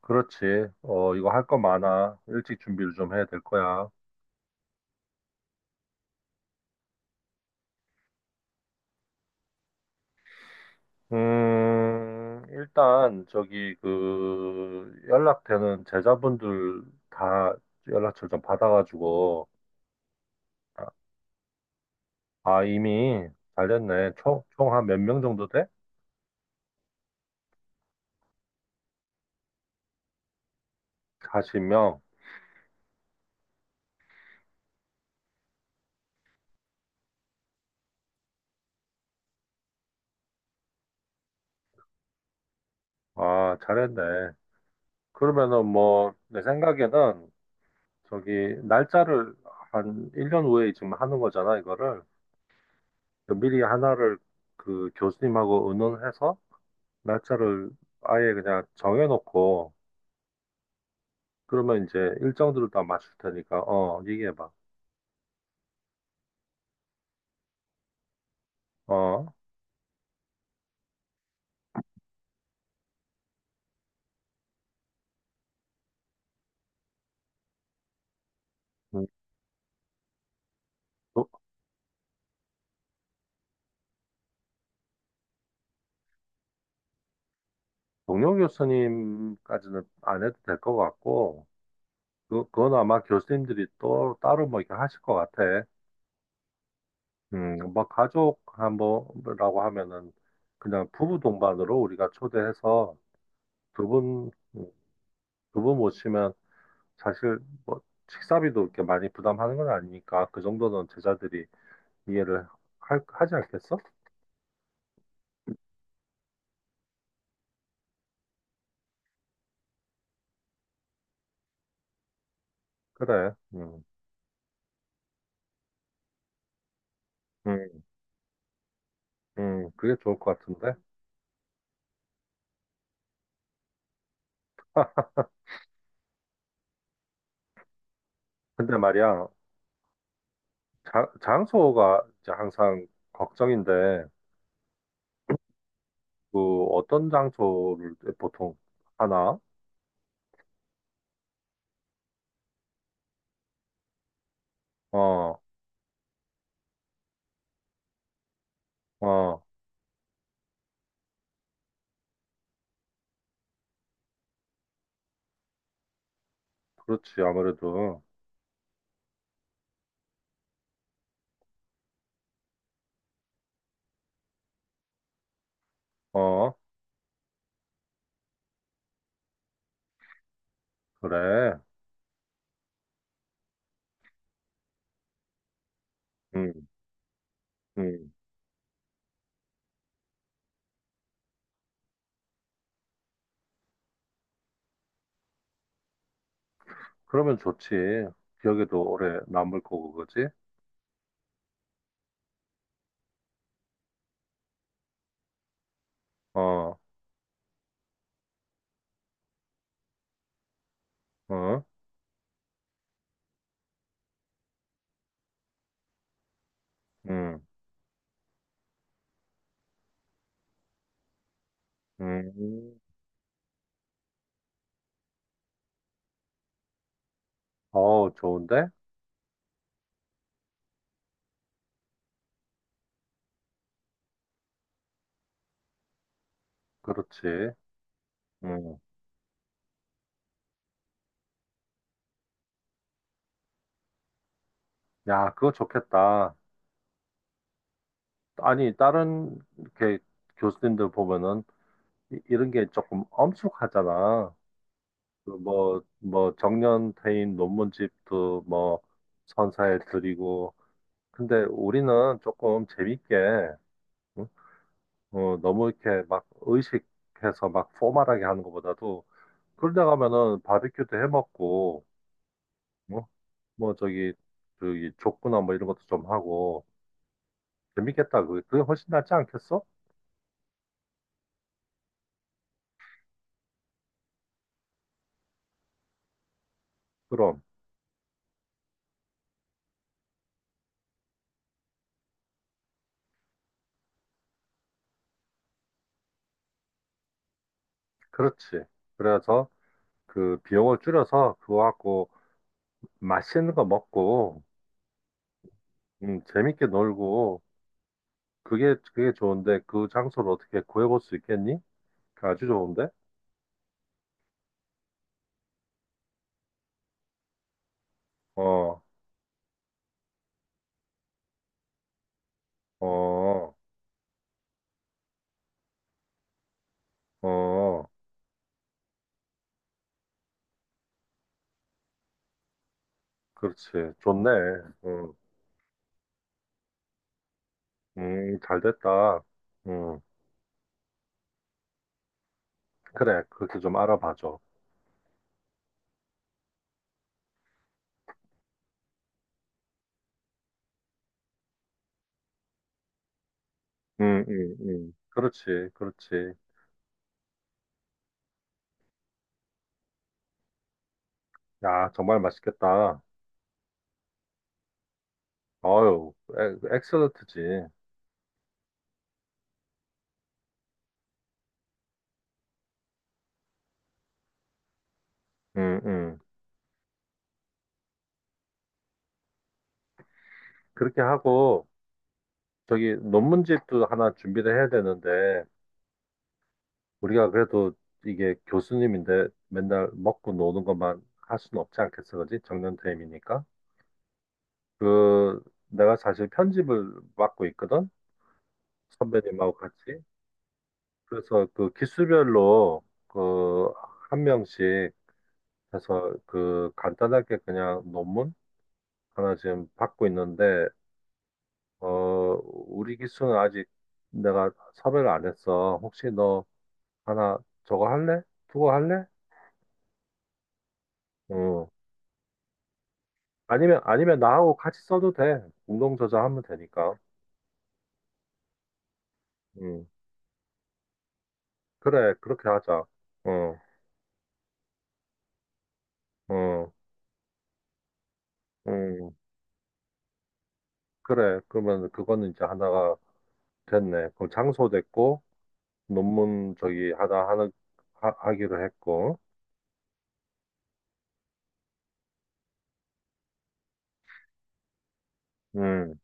그렇지. 이거 할 거 많아. 일찍 준비를 좀 해야 될 거야. 일단, 저기, 그, 연락되는 제자분들 다 연락처 좀 받아가지고, 아, 이미 잘됐네. 총 한 몇 명 정도 돼? 40명. 아, 잘했네. 그러면은 뭐, 내 생각에는, 저기, 날짜를 한 1년 후에 지금 하는 거잖아, 이거를. 미리 하나를 그 교수님하고 의논해서, 날짜를 아예 그냥 정해놓고, 그러면 이제 일정들을 다 맞출 테니까, 얘기해봐. 어, 음, 도- 동료 교수님까지는 안 해도 될 것 같고, 그건 아마 교수님들이 또 따로 뭐 이렇게 하실 것 같아. 뭐 가족 한 번이라고 하면은 그냥 부부 동반으로 우리가 초대해서 두 분, 두분 모시면 사실 뭐 식사비도 이렇게 많이 부담하는 건 아니니까 그 정도는 제자들이 이해를 하지 않겠어? 그래. 음, 그게 좋을 것 같은데. 근데 말이야, 장소가 이제 항상 걱정인데, 그 어떤 장소를 보통 하나? 어, 어, 그렇지. 아무래도. 어, 그래. 음, 음. 그러면 좋지. 기억에도 오래 남을 거고, 그지? 어, 어, 음, 음. 어, 좋은데? 그렇지. 음. 야, 그거 좋겠다. 아니, 다른 이렇게 교수님들 보면은 이런 게 조금 엄숙하잖아. 그 정년 퇴임 논문집도 뭐, 선사해 드리고. 근데 우리는 조금 재밌게, 응? 너무 이렇게 막 의식해서 막 포멀하게 하는 것보다도, 그러다 가면은 바비큐도 해 먹고, 뭐, 뭐, 저기, 족구나 뭐 이런 것도 좀 하고, 재밌겠다. 그게 훨씬 낫지 않겠어? 그럼, 그렇지. 그래서, 그 비용을 줄여서 그거 갖고 맛있는 거 먹고 재밌게 놀고 그게 좋은데 그 장소를 어떻게 구해볼 수 있겠니? 아주 좋은데? 어, 어, 어, 그렇지. 좋네. 음, 잘 됐다. 음, 그래. 그렇게 좀 알아봐줘. 그렇지, 그렇지. 야, 정말 맛있겠다. 어유, 셀런트지. 음, 음. 그렇게 하고. 저기 논문집도 하나 준비를 해야 되는데 우리가 그래도 이게 교수님인데 맨날 먹고 노는 것만 할 수는 없지 않겠어, 그지? 정년퇴임이니까. 그 내가 사실 편집을 맡고 있거든, 선배님하고 같이. 그래서 그 기수별로 그 한 명씩 해서 그 간단하게 그냥 논문 하나 지금 받고 있는데 어 우리 기수는 아직 내가 섭외를 안 했어. 혹시 너 하나 저거 할래? 두거 할래? 어. 아니면 나하고 같이 써도 돼. 공동 저자하면 되니까. 음. 그래. 그렇게 하자. 어. 어. 음. 그래. 그러면 그거는 이제 하나가 됐네. 그럼 장소 됐고 논문 저기 하나 하는, 하기로 했고. 음.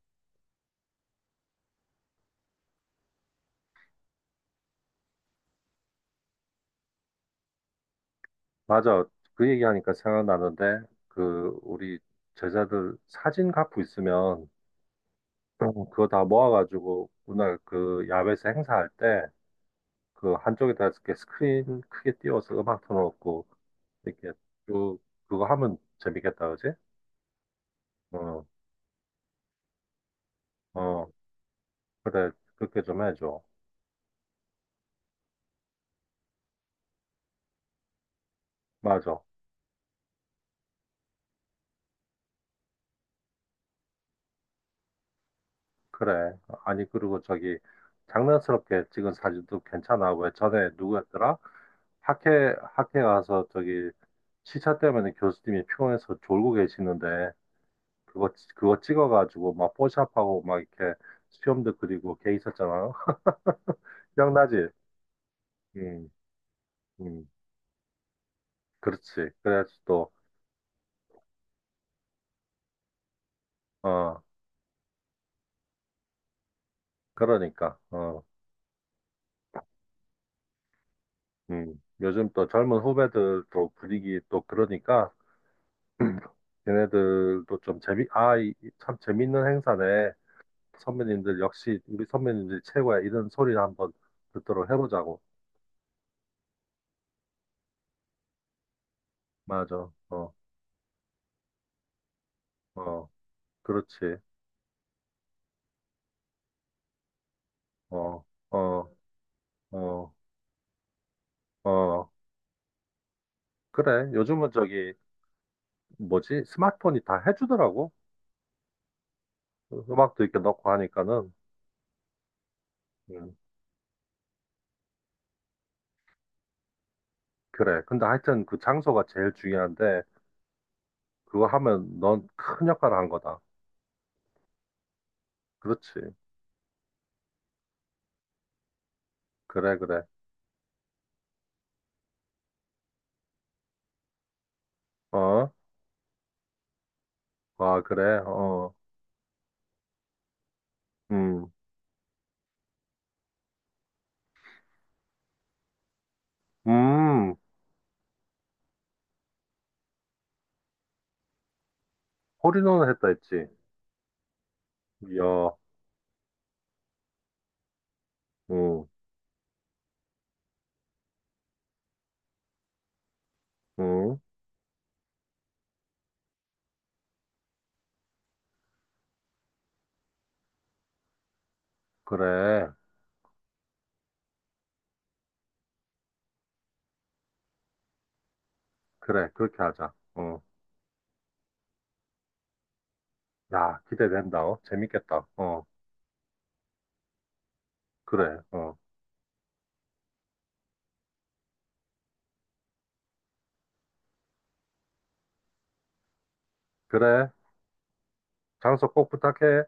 맞아. 그 얘기하니까 생각나는데 그 우리 제자들 사진 갖고 있으면 어, 그거 다 모아가지고 오늘 그 야외에서 행사할 때 그 한쪽에다 이렇게 스크린 크게 띄워서 음악 틀어놓고 이렇게 쭉 그거 하면 재밌겠다, 그지? 어, 어, 그래, 그렇게 좀 해줘. 맞아, 그래. 아니 그리고 저기 장난스럽게 찍은 사진도 괜찮아. 왜 전에 누구였더라? 학회 가서 저기 시차 때문에 교수님이 피곤해서 졸고 계시는데 그거 찍어가지고 막 포샵하고 막 이렇게 수염도 그리고 걔 있었잖아. 기억나지? 음, 음. 그렇지. 그래야지 또, 어, 그러니까, 어, 요즘 또 젊은 후배들도 분위기 또 그러니까, 걔네들도 좀 재미, 아, 이참 재밌는 행사네. 선배님들 역시 우리 선배님들이 최고야. 이런 소리를 한번 듣도록 해보자고. 맞아. 어, 어, 그렇지. 어, 어, 어, 어. 그래. 요즘은 저기, 뭐지? 스마트폰이 다 해주더라고. 음악도 이렇게 넣고 하니까는. 음, 그래. 근데 하여튼 그 장소가 제일 중요한데, 그거 하면 넌 큰 역할을 한 거다. 그렇지. 그래, 그래. 어? 아, 그래. 어. 음. 음. 홀인원을 했다 했지. 이야. 음. 음. 그래. 그래. 그렇게 하자. 어. 야, 기대된다. 어. 재밌겠다. 어. 그래. 어. 그래. 장소 꼭 부탁해.